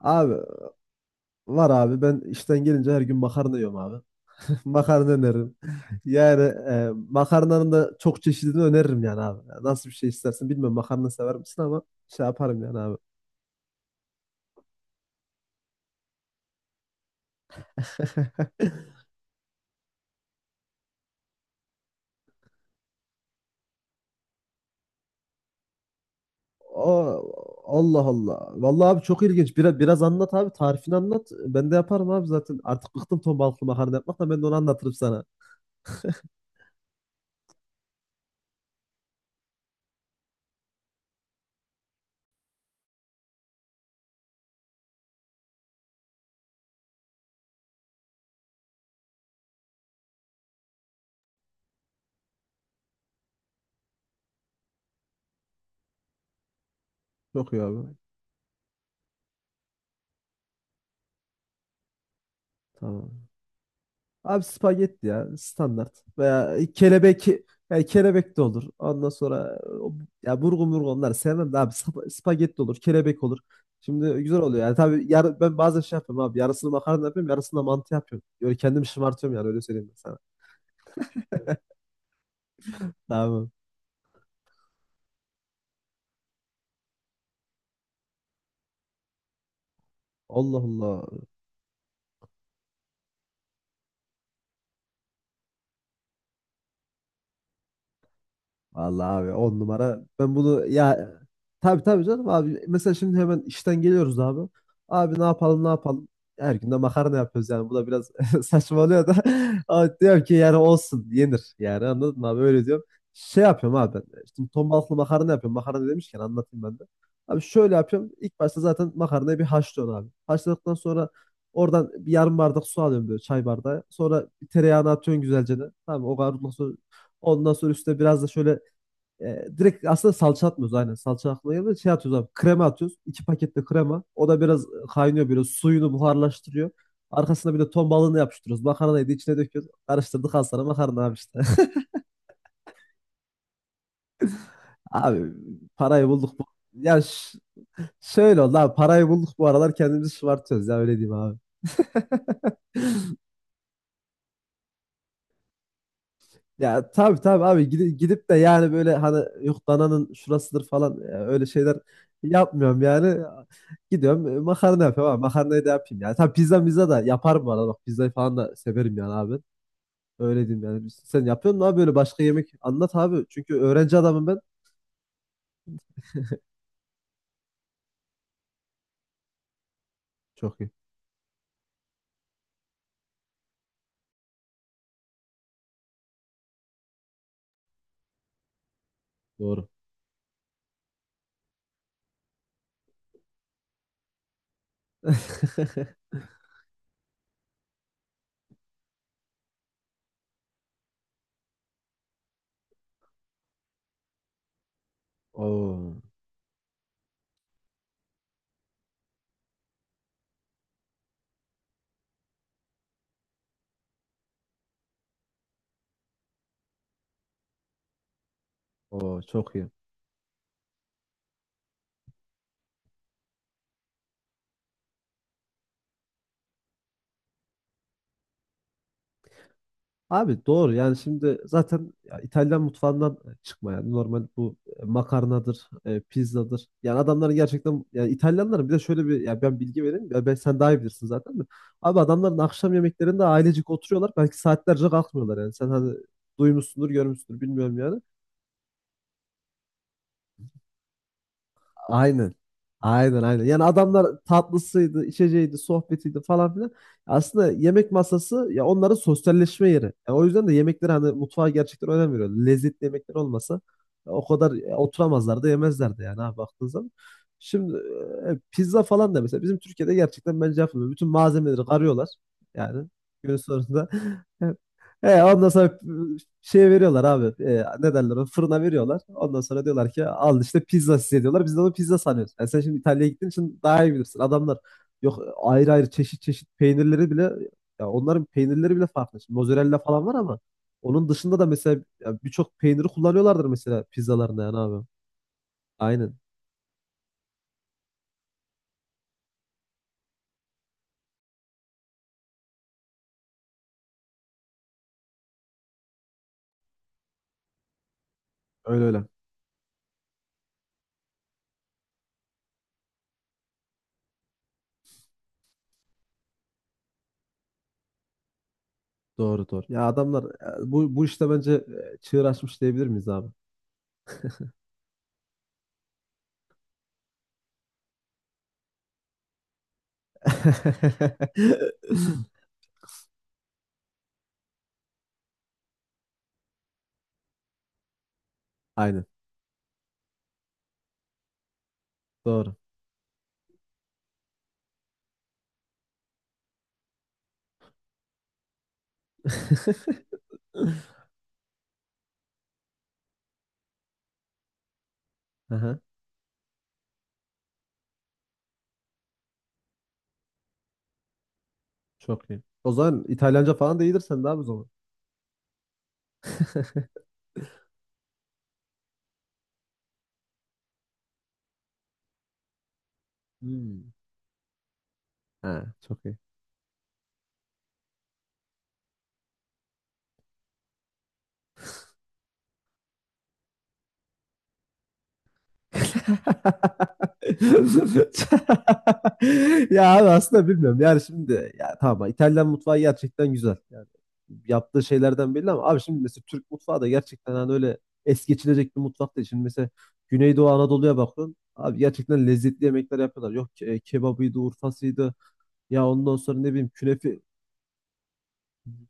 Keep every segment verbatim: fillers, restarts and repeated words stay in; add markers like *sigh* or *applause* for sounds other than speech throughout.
Abi var abi ben işten gelince her gün makarna yiyorum abi. *laughs* Makarna öneririm. Yani e, makarnanın da çok çeşidini öneririm yani abi. Yani nasıl bir şey istersin bilmiyorum, makarna sever misin, ama şey yaparım yani abi. *laughs* O, Allah Allah. Vallahi abi çok ilginç. Biraz, biraz anlat abi, tarifini anlat. Ben de yaparım abi zaten. Artık bıktım ton balıklı makarna yapmakla, ben de onu anlatırım sana. Çok iyi abi. Tamam. Abi spagetti ya, standart. Veya e, kelebek, yani kelebek de olur. Ondan sonra o- ya burgu murgu, onları sevmem de abi spa- spagetti olur, kelebek olur. Şimdi güzel oluyor yani, tabii yar- ben bazen şey yapıyorum abi, yarısını makarna yapıyorum yarısını da mantı yapıyorum. Böyle kendimi şımartıyorum, yani öyle söyleyeyim ben sana. Tamam. Allah Allah. Vallahi abi on numara. Ben bunu ya, tabii tabii canım abi. Mesela şimdi hemen işten geliyoruz abi. Abi ne yapalım ne yapalım. Her gün de makarna yapıyoruz yani. Bu da biraz *laughs* saçmalıyor da. *laughs* Ama diyorum ki yani olsun, yenir. Yani anladın mı abi, öyle diyorum. Şey yapıyorum abi ben. Şimdi ton balıklı makarna yapıyorum. Makarna demişken anlatayım ben de. Abi şöyle yapıyorum. İlk başta zaten makarnayı bir haşlıyorum abi. Haşladıktan sonra oradan bir yarım bardak su alıyorum, böyle çay bardağı. Sonra bir tereyağını atıyorsun güzelce de. Tamam, o kavrulmasın. Ondan sonra üstüne biraz da şöyle e, direkt aslında salça atmıyoruz, aynen. Salça atmıyoruz. Geldi. Şey atıyoruz abi. Krema atıyoruz. iki paket de krema. O da biraz kaynıyor böyle. Suyunu buharlaştırıyor. Arkasına bir de ton balığını yapıştırıyoruz. Makarnayı da içine döküyoruz. Karıştırdık, al sana makarna abi işte. *laughs* Abi parayı bulduk. bu- Ya ş- şöyle oldu abi. Parayı bulduk bu aralar, kendimizi şımartıyoruz ya, öyle diyeyim abi. *laughs* Ya tabii tabii abi, gidip, gidip de yani böyle hani yok dananın şurasıdır falan, ya öyle şeyler yapmıyorum yani. Gidiyorum e, makarna yapıyorum abi, makarnayı da yapayım yani. Tabii pizza pizza da yaparım bu arada, bak pizzayı falan da severim yani abi. Öyle diyeyim yani. Sen yapıyor musun abi, böyle başka yemek anlat abi. Çünkü öğrenci adamım ben. Çok iyi. Doğru. Oo, oo çok iyi. Abi doğru yani şimdi zaten, ya İtalyan mutfağından e, çıkma yani, normal bu e, makarnadır, e, pizzadır. Yani adamların gerçekten, yani İtalyanların bir de şöyle bir, ya ben bilgi vereyim ya, ben sen daha iyi bilirsin zaten de. Abi adamların akşam yemeklerinde ailecik oturuyorlar, belki saatlerce kalkmıyorlar yani. Sen hani duymuşsundur, görmüşsündür bilmiyorum yani. Aynen. Aynen aynen. Yani adamlar tatlısıydı, içeceğiydi, sohbetiydi falan filan. Aslında yemek masası ya onların sosyalleşme yeri. Ya o yüzden de yemekler, hani mutfağa gerçekten önem veriyor. Lezzetli yemekler olmasa ya o kadar e, oturamazlardı, yemezlerdi yani ha, baktığın zaman. Şimdi e, e, pizza falan da mesela bizim Türkiye'de gerçekten bence yapılmıyor. Bütün malzemeleri arıyorlar yani günün sonunda. *laughs* E, ondan sonra şeye veriyorlar abi. E, ne derler ona? Fırına veriyorlar. Ondan sonra diyorlar ki al işte pizza size, diyorlar. Biz de onu pizza sanıyoruz. Yani sen şimdi İtalya'ya gittiğin için daha iyi bilirsin. Adamlar yok ayrı ayrı çeşit çeşit peynirleri bile, ya onların peynirleri bile farklı. Şimdi mozzarella falan var ama onun dışında da mesela ya birçok peyniri kullanıyorlardır mesela pizzalarında yani abi. Aynen. Öyle öyle. Doğru doğru. Ya adamlar e, bu bu işte bence e, çığır açmış diyebilir miyiz abi? *laughs* Aynen. Doğru. *laughs* Çok iyi. O zaman İtalyanca falan da iyidir sen de abi o zaman. *laughs* Hmm. Ha, çok iyi. *laughs* Ya abi aslında bilmiyorum. Yani şimdi ya, tamam, İtalyan mutfağı gerçekten güzel. Yani yaptığı şeylerden belli ama abi şimdi mesela Türk mutfağı da gerçekten hani öyle es geçilecek bir mutfak değil. Şimdi mesela Güneydoğu Anadolu'ya bakıyorsun. Abi gerçekten lezzetli yemekler yapıyorlar. Yok ke- kebabıydı, urfasıydı. Ya ondan sonra ne bileyim künefi.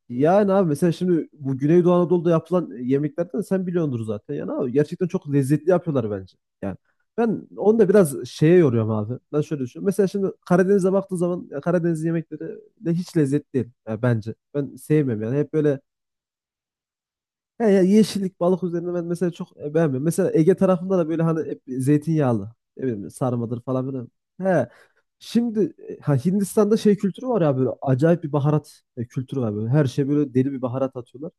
Yani abi mesela şimdi bu Güneydoğu Anadolu'da yapılan yemeklerden sen biliyordur zaten. Yani abi gerçekten çok lezzetli yapıyorlar bence. Yani ben onu da biraz şeye yoruyorum abi. Ben şöyle düşünüyorum. Mesela şimdi Karadeniz'e baktığın zaman, ya Karadeniz yemekleri de hiç lezzetli değil ya bence. Ben sevmiyorum yani. Hep böyle, ya ya yeşillik balık üzerine, ben mesela çok e, beğenmiyorum. Mesela Ege tarafında da böyle hani hep zeytinyağlı. Ne bileyim sarmadır falan filan. He. Şimdi e, ha, Hindistan'da şey kültürü var ya, böyle acayip bir baharat e, kültürü var böyle. Her şey böyle deli bir baharat atıyorlar,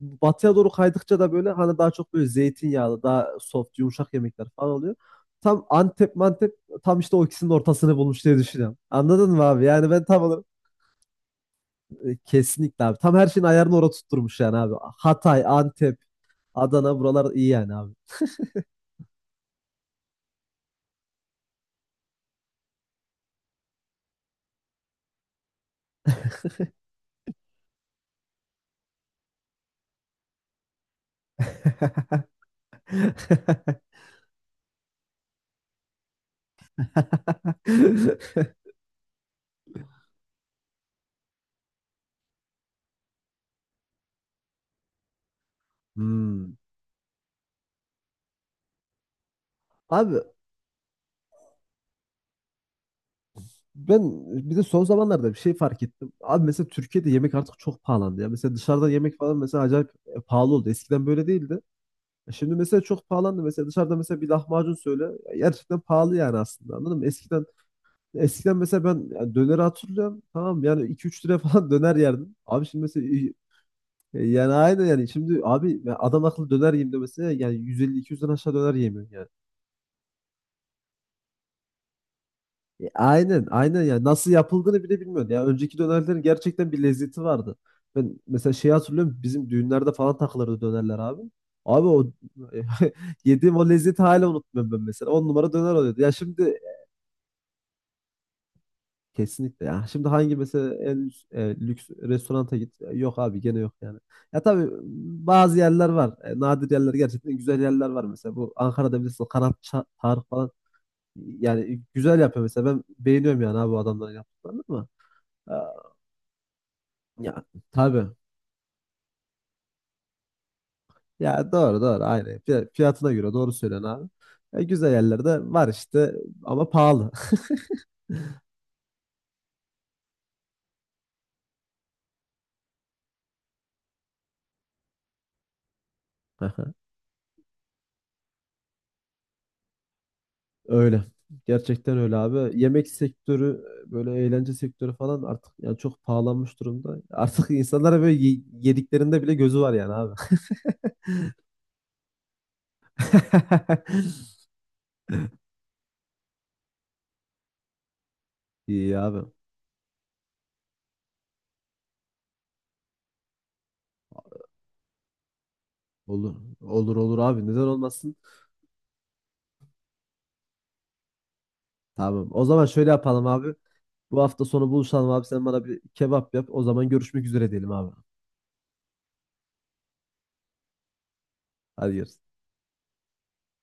batıya doğru kaydıkça da böyle hani daha çok böyle zeytinyağlı, daha soft, yumuşak yemekler falan oluyor. Tam Antep mantep, tam işte o ikisinin ortasını bulmuş diye düşünüyorum. Anladın mı abi? Yani ben tam olarak e, kesinlikle abi. Tam her şeyin ayarını orada tutturmuş yani abi. Hatay, Antep, Adana buralar iyi yani abi. *laughs* *laughs* Hmm. Abi ben bir de son zamanlarda bir şey fark ettim. Abi mesela Türkiye'de yemek artık çok pahalandı ya. Mesela dışarıda yemek falan mesela acayip e, pahalı oldu. Eskiden böyle değildi. E Şimdi mesela çok pahalandı. Mesela dışarıda mesela bir lahmacun söyle. Ya gerçekten pahalı yani aslında, anladın mı? Eskiden eskiden mesela ben ya döneri hatırlıyorum. Tamam yani iki üç liraya falan *laughs* döner yerdim. Abi şimdi mesela y- yani aynı, yani şimdi abi ya adam akıllı döner yiyeyim de mesela yani yüz elli iki yüzden aşağı döner yemiyor yani. E, Aynen, aynen ya. Nasıl yapıldığını bile bilmiyorum. Ya önceki dönerlerin gerçekten bir lezzeti vardı. Ben mesela şeyi hatırlıyorum. Bizim düğünlerde falan takılırdı dönerler abi. Abi o *laughs* yediğim o lezzeti hala unutmuyorum ben mesela. On numara döner oluyordu. Ya şimdi kesinlikle ya. Şimdi hangi mesela en lüks, e, lüks restoranta git. E, Yok abi gene yok yani. Ya tabii bazı yerler var. E, nadir yerler gerçekten güzel yerler var mesela. Bu Ankara'da bilirsin, Kanat Ça- Tarık falan. Yani güzel yapıyor mesela. Ben beğeniyorum yani abi bu adamların yaptıklarını ama. Ya tabii. Ya doğru doğru aynı. Fiy- Fiyatına göre doğru söylüyorsun abi. Ya, güzel yerlerde var işte ama pahalı. *laughs* Aha, öyle. Gerçekten öyle abi. Yemek sektörü böyle eğlence sektörü falan artık yani çok pahalanmış durumda. Artık *laughs* insanlara böyle ye- yediklerinde bile gözü var yani abi. *laughs* İyi abi. Olur. Olur olur abi. Neden olmasın? Tamam. O zaman şöyle yapalım abi. Bu hafta sonu buluşalım abi. Sen bana bir kebap yap. O zaman görüşmek üzere diyelim abi. Hadi görüşürüz.